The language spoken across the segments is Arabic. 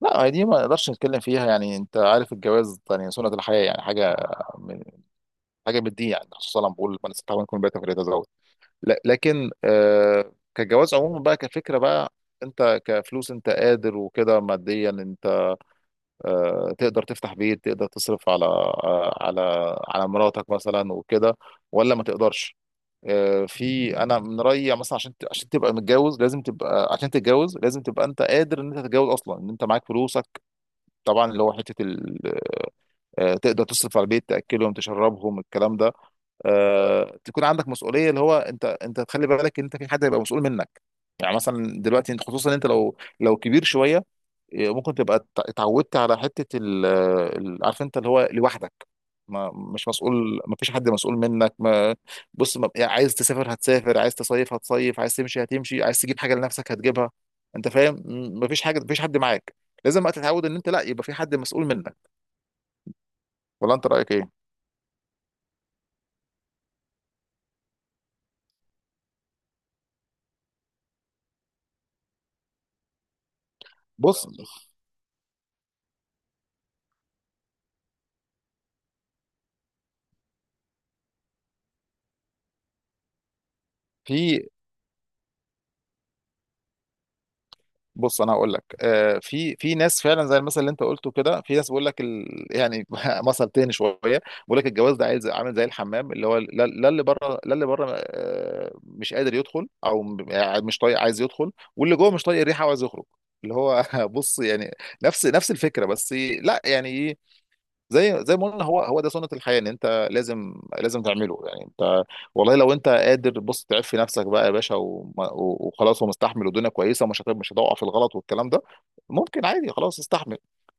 لا، هي دي ما نقدرش نتكلم فيها. يعني انت عارف الجواز يعني سنة الحياة يعني من حاجة من الدين. يعني خصوصا لما بقول من استطاع منكم الباءة فليتزوج. لا، لكن كجواز عموما بقى كفكرة بقى، انت كفلوس انت قادر وكده، ماديا انت تقدر تفتح بيت، تقدر تصرف على على مراتك مثلا وكده، ولا ما تقدرش؟ في، انا من رأيي يعني مثلا عشان تبقى متجوز لازم تبقى، عشان تتجوز لازم تبقى انت قادر ان انت تتجوز اصلا، ان انت معاك فلوسك. طبعا اللي هو تقدر تصرف على البيت، تاكلهم تشربهم الكلام ده. تكون عندك مسؤوليه، اللي هو انت تخلي بالك ان انت في حد هيبقى مسؤول منك. يعني مثلا دلوقتي انت، خصوصا انت لو كبير شويه، ممكن تبقى اتعودت على عارف انت اللي هو لوحدك. ما مش مسؤول، ما فيش حد مسؤول منك ما. بص، ما يعني عايز تسافر هتسافر، عايز تصيف هتصيف، عايز تمشي هتمشي، عايز تجيب حاجه لنفسك هتجيبها. انت فاهم؟ ما فيش حاجه، ما فيش حد معاك. لازم بقى تتعود ان انت لا يبقى في حد مسؤول منك. ولا انت رايك ايه؟ بص، في بص انا هقول لك في ناس فعلا زي المثل اللي انت قلته كده. في ناس بيقول لك يعني مثل تاني شويه بيقول لك الجواز ده عايز عامل زي الحمام، اللي هو لا لا اللي بره، لا اللي بره مش قادر يدخل، او يعني مش طايق عايز يدخل، واللي جوه مش طايق الريحه وعايز يخرج. اللي هو بص يعني نفس الفكره بس. لا يعني، زي ما قلنا هو ده سنة الحياة، ان انت لازم لازم تعمله. يعني انت والله لو انت قادر، بص، تعف في نفسك بقى يا باشا، وخلاص ومستحمل والدنيا كويسة ومش مش هتقع في الغلط والكلام ده، ممكن عادي خلاص، استحمل.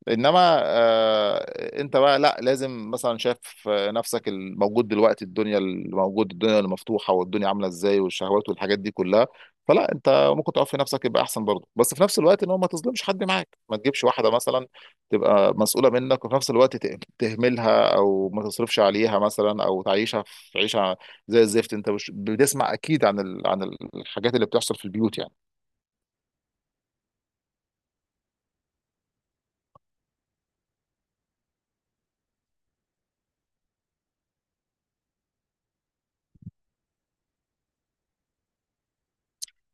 انما انت بقى لا، لازم مثلا شايف نفسك الموجود دلوقتي، الدنيا الموجود، الدنيا المفتوحة والدنيا عاملة ازاي، والشهوات والحاجات دي كلها. فلا، انت ممكن تقف في نفسك يبقى احسن برضه، بس في نفس الوقت ان هو ما تظلمش حد معاك، ما تجيبش واحدة مثلا تبقى مسؤولة منك، وفي نفس الوقت تهملها أو ما تصرفش عليها مثلا أو تعيشها في عيشة زي الزفت. أنت مش بتسمع أكيد عن عن الحاجات اللي بتحصل في البيوت يعني.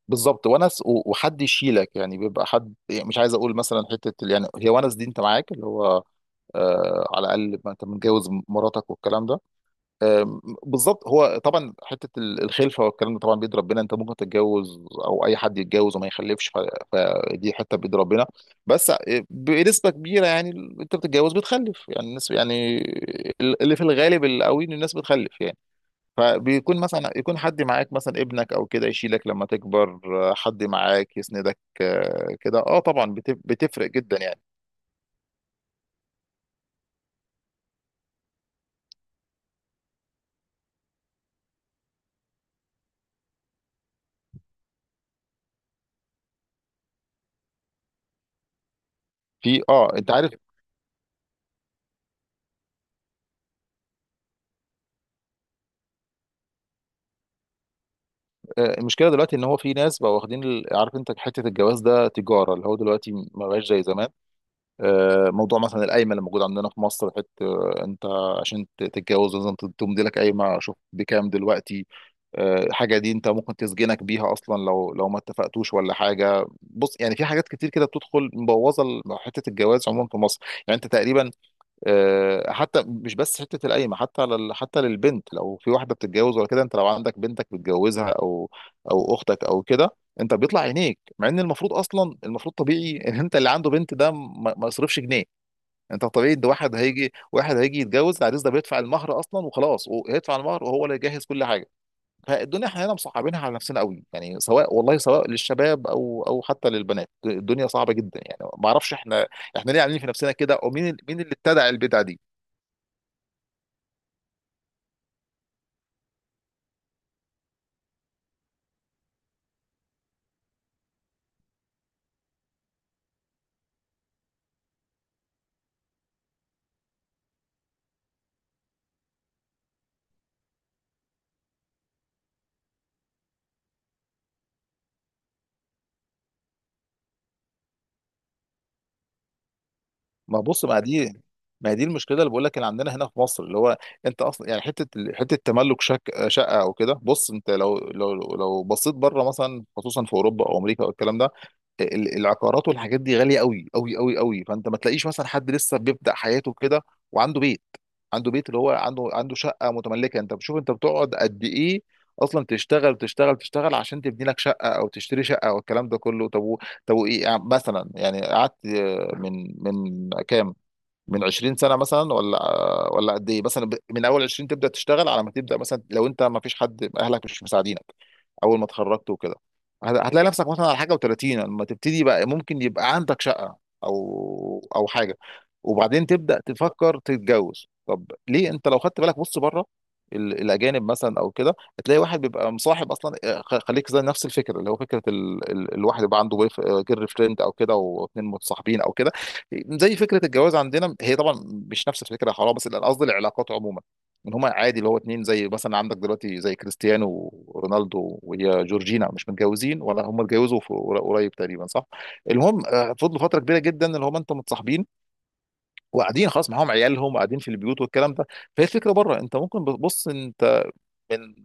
بالظبط، ونس وحد يشيلك، يعني بيبقى حد، يعني مش عايز أقول مثلا يعني هي ونس دي، أنت معاك اللي هو على الأقل، ما أنت متجوز مراتك والكلام ده. بالظبط. هو طبعا الخلفه والكلام ده طبعا بيد ربنا، انت ممكن تتجوز او اي حد يتجوز وما يخلفش، فدي حته بيد ربنا. بس بنسبه كبيره يعني انت بتتجوز بتخلف يعني الناس يعني، اللي في الغالب القوي ان الناس بتخلف يعني. فبيكون مثلا، يكون حد معاك مثلا ابنك او كده يشيلك لما تكبر. حد معاك يسندك كده، اه طبعا بتفرق جدا يعني. في اه انت عارف المشكله دلوقتي ان هو في ناس بقوا واخدين عارف انت حته الجواز ده تجاره، اللي هو دلوقتي ما بقاش زي زمان. موضوع مثلا القايمه اللي موجوده عندنا في مصر، حته انت عشان تتجوز لازم تمضي لك قايمه، شوف بكام دلوقتي. الحاجه دي انت ممكن تسجنك بيها اصلا لو ما اتفقتوش ولا حاجه. بص يعني، في حاجات كتير كده بتدخل مبوظه حته الجواز عموما في مصر. يعني انت تقريبا حتى مش بس حته القايمه، حتى للبنت لو في واحده بتتجوز ولا كده، انت لو عندك بنتك بتجوزها او اختك او كده، انت بيطلع عينيك. مع ان المفروض اصلا، المفروض طبيعي ان انت اللي عنده بنت ده ما يصرفش جنيه. انت طبيعي ان واحد هيجي يتجوز، العريس ده بيدفع المهر اصلا وخلاص، وهيدفع المهر وهو اللي يجهز كل حاجه. فالدنيا احنا هنا مصعبينها على نفسنا قوي، يعني سواء والله سواء للشباب او حتى للبنات، الدنيا صعبه جدا يعني. ما اعرفش احنا ليه عاملين في نفسنا كده، ومين اللي ابتدع البدع دي. ما بص ما دي ما دي المشكله اللي بقول لك اللي عندنا هنا في مصر، اللي هو انت اصلا يعني حته حته تملك شك شقه او كده. بص انت لو بصيت بره مثلا، خصوصا في اوروبا او امريكا او الكلام ده، العقارات والحاجات دي غاليه قوي قوي قوي قوي. فانت ما تلاقيش مثلا حد لسه بيبدا حياته كده وعنده بيت. عنده بيت اللي هو عنده شقه متملكه. انت بتشوف انت بتقعد قد ايه اصلا، تشتغل تشتغل تشتغل عشان تبني لك شقه او تشتري شقه او الكلام ده كله. طب وايه يعني مثلا، يعني قعدت من كام، من 20 سنة مثلا، ولا قد ايه مثلا، من اول 20 تبدأ تشتغل على ما تبدأ مثلا لو انت ما فيش حد، اهلك مش مساعدينك، اول ما اتخرجت وكده، هتلاقي نفسك مثلا على حاجة، و30 لما تبتدي بقى ممكن يبقى عندك شقة او حاجة، وبعدين تبدأ تفكر تتجوز. طب ليه، انت لو خدت بالك بص بره، الاجانب مثلا او كده، هتلاقي واحد بيبقى مصاحب اصلا. خليك زي نفس الفكره اللي هو فكره الواحد يبقى عنده جير فريند او كده، واتنين متصاحبين او كده، زي فكره الجواز عندنا. هي طبعا مش نفس الفكره، حرام، بس لا، قصدي العلاقات عموما، ان هما عادي اللي هو اتنين. زي مثلا عندك دلوقتي زي كريستيانو رونالدو وهي جورجينا، مش متجوزين ولا هما اتجوزوا في قريب تقريبا، صح؟ المهم فضلوا فتره كبيره جدا اللي هما انتوا متصاحبين، وقاعدين خلاص معاهم عيالهم وقاعدين في البيوت والكلام ده. فهي الفكره بره انت ممكن، بص انت، من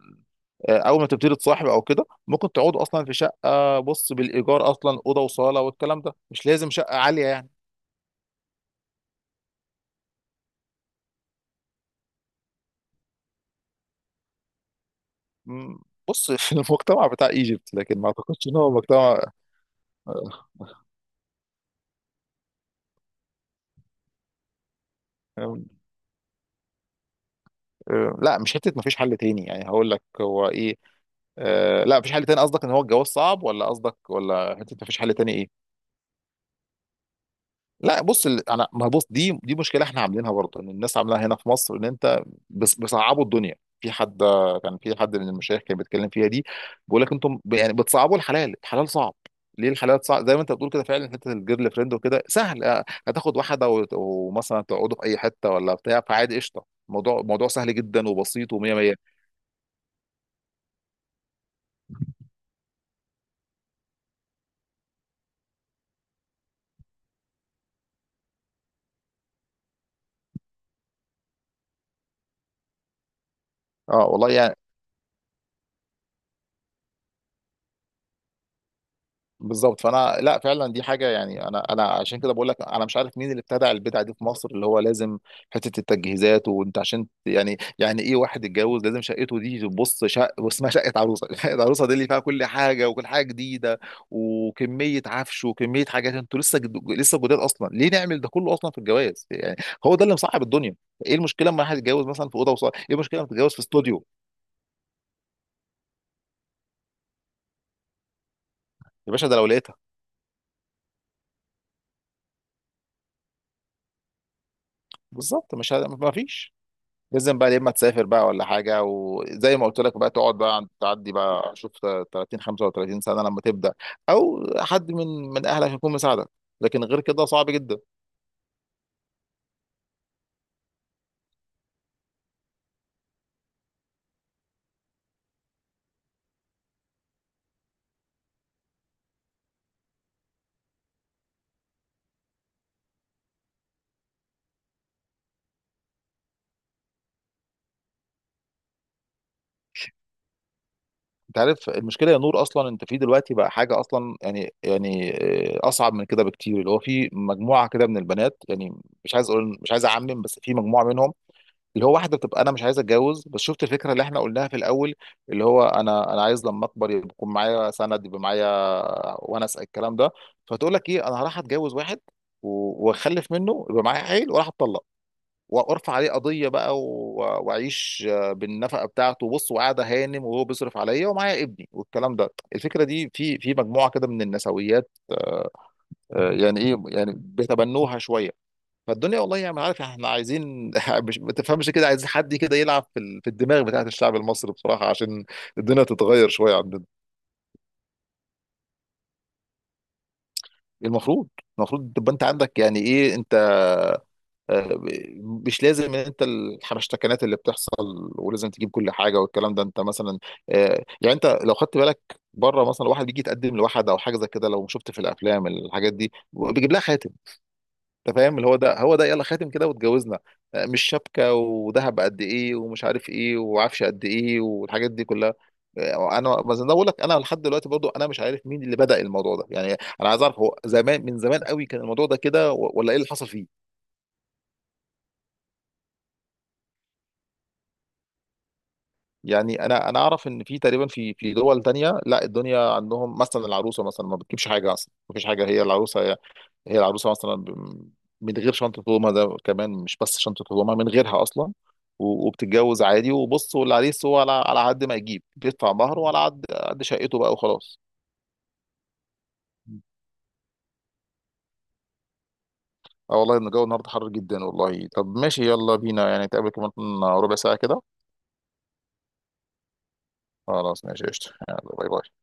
اول ما تبتدي تصاحب او كده ممكن تقعدوا اصلا في شقه، بص بالايجار اصلا، اوضه وصاله والكلام ده، مش لازم شقه عاليه يعني. مم. بص في المجتمع بتاع ايجيبت، لكن ما اعتقدش ان هو مجتمع. آه، آه، لا، مش حته ما فيش حل تاني، يعني هقول لك هو ايه. لا، مفيش حل تاني قصدك ان هو الجواز صعب، ولا قصدك ولا حته ما فيش حل تاني ايه؟ لا بص، انا، ما بص دي مشكله احنا عاملينها برضه، ان الناس عاملاها هنا في مصر، ان انت بس بيصعبوا الدنيا. في حد كان في حد من المشايخ كان بيتكلم فيها دي، بيقول لك انتم يعني بتصعبوا الحلال، الحلال صعب. ليه الحلال صعب زي ما انت بتقول كده فعلا؟ حته الجيرل فريند وكده سهل، هتاخد واحده ومثلا تقعدوا في اي حته ولا بتاع، فعادي قشطه، الموضوع موضوع سهل جدا وبسيط ومية مية. اه والله يعني بالظبط. فانا لا، فعلا دي حاجه يعني، انا عشان كده بقول لك، انا مش عارف مين اللي ابتدع البدعه دي في مصر، اللي هو لازم حته التجهيزات. وانت عشان يعني ايه، واحد يتجوز لازم شقته دي تبص واسمها شقه عروسه شقه عروسه دي اللي فيها كل حاجه وكل حاجه جديده، وكميه عفش وكميه حاجات، انتوا لسه لسه جداد اصلا. ليه نعمل ده كله اصلا في الجواز يعني؟ هو ده اللي مصعب الدنيا. ايه المشكله لما واحد يتجوز مثلا في اوضه وصاله؟ ايه المشكله لما تتجوز في استوديو؟ يا باشا، ده لو لقيتها. بالظبط مش ه... ما فيش. لازم بقى يا اما تسافر بقى ولا حاجه، وزي ما قلت لك بقى تقعد بقى، تعدي بقى شوف 30 35 سنه لما تبدا، او حد من اهلك يكون مساعدك، لكن غير كده صعب جدا. انت عارف المشكله يا نور، اصلا انت في دلوقتي بقى حاجه اصلا يعني اصعب من كده بكتير اللي هو في مجموعه كده من البنات يعني. مش عايز اعمم، بس في مجموعه منهم اللي هو واحده بتبقى: انا مش عايز اتجوز، بس شفت الفكره اللي احنا قلناها في الاول، اللي هو انا عايز لما اكبر يكون معايا سند، يبقى معايا ونس الكلام ده. فتقول لك ايه، انا هروح اتجوز واحد واخلف منه يبقى معايا عيل، واروح اتطلق وارفع عليه قضيه بقى واعيش بالنفقه بتاعته، بص وقاعده هانم وهو بيصرف عليا ومعايا ابني والكلام ده. الفكره دي في مجموعه كده من النسويات يعني ايه، يعني بيتبنوها شويه. فالدنيا والله يعني، عارف احنا عايزين مش ما تفهمش كده، عايزين حد كده يلعب في الدماغ بتاعت الشعب المصري بصراحة عشان الدنيا تتغير شوية عندنا. المفروض. تبقى انت عندك يعني ايه انت، آه، مش لازم ان انت الحبشتكنات اللي بتحصل ولازم تجيب كل حاجة والكلام ده. انت مثلا يعني انت لو خدت بالك بره مثلا، واحد بيجي يتقدم لواحد او حاجة زي كده، لو شفت في الافلام الحاجات دي بيجيب لها خاتم. انت فاهم اللي هو ده، هو ده يلا، خاتم كده واتجوزنا، مش شبكه وذهب قد ايه ومش عارف ايه وعفش قد ايه والحاجات دي كلها. انا بقول لك، انا لحد دلوقتي برضو انا مش عارف مين اللي بدأ الموضوع ده، يعني انا عايز اعرف هو زمان من زمان قوي كان الموضوع ده كده، ولا ايه اللي حصل فيه. يعني انا اعرف ان في تقريبا في دول تانية، لا، الدنيا عندهم مثلا العروسه مثلا ما بتجيبش حاجه اصلا، ما فيش حاجه، هي العروسه مثلا من غير شنطه هدومها، ده كمان مش بس شنطه هدومها، من غيرها اصلا، وبتتجوز عادي، وبص، والعريس هو على قد ما يجيب بيدفع مهره، وعلى قد شقته بقى وخلاص. اه والله إن الجو النهارده حر جدا والله. طب ماشي، يلا بينا يعني نتقابل كمان ربع ساعه كده. خلاص ماشي قشطه، يلا باي باي.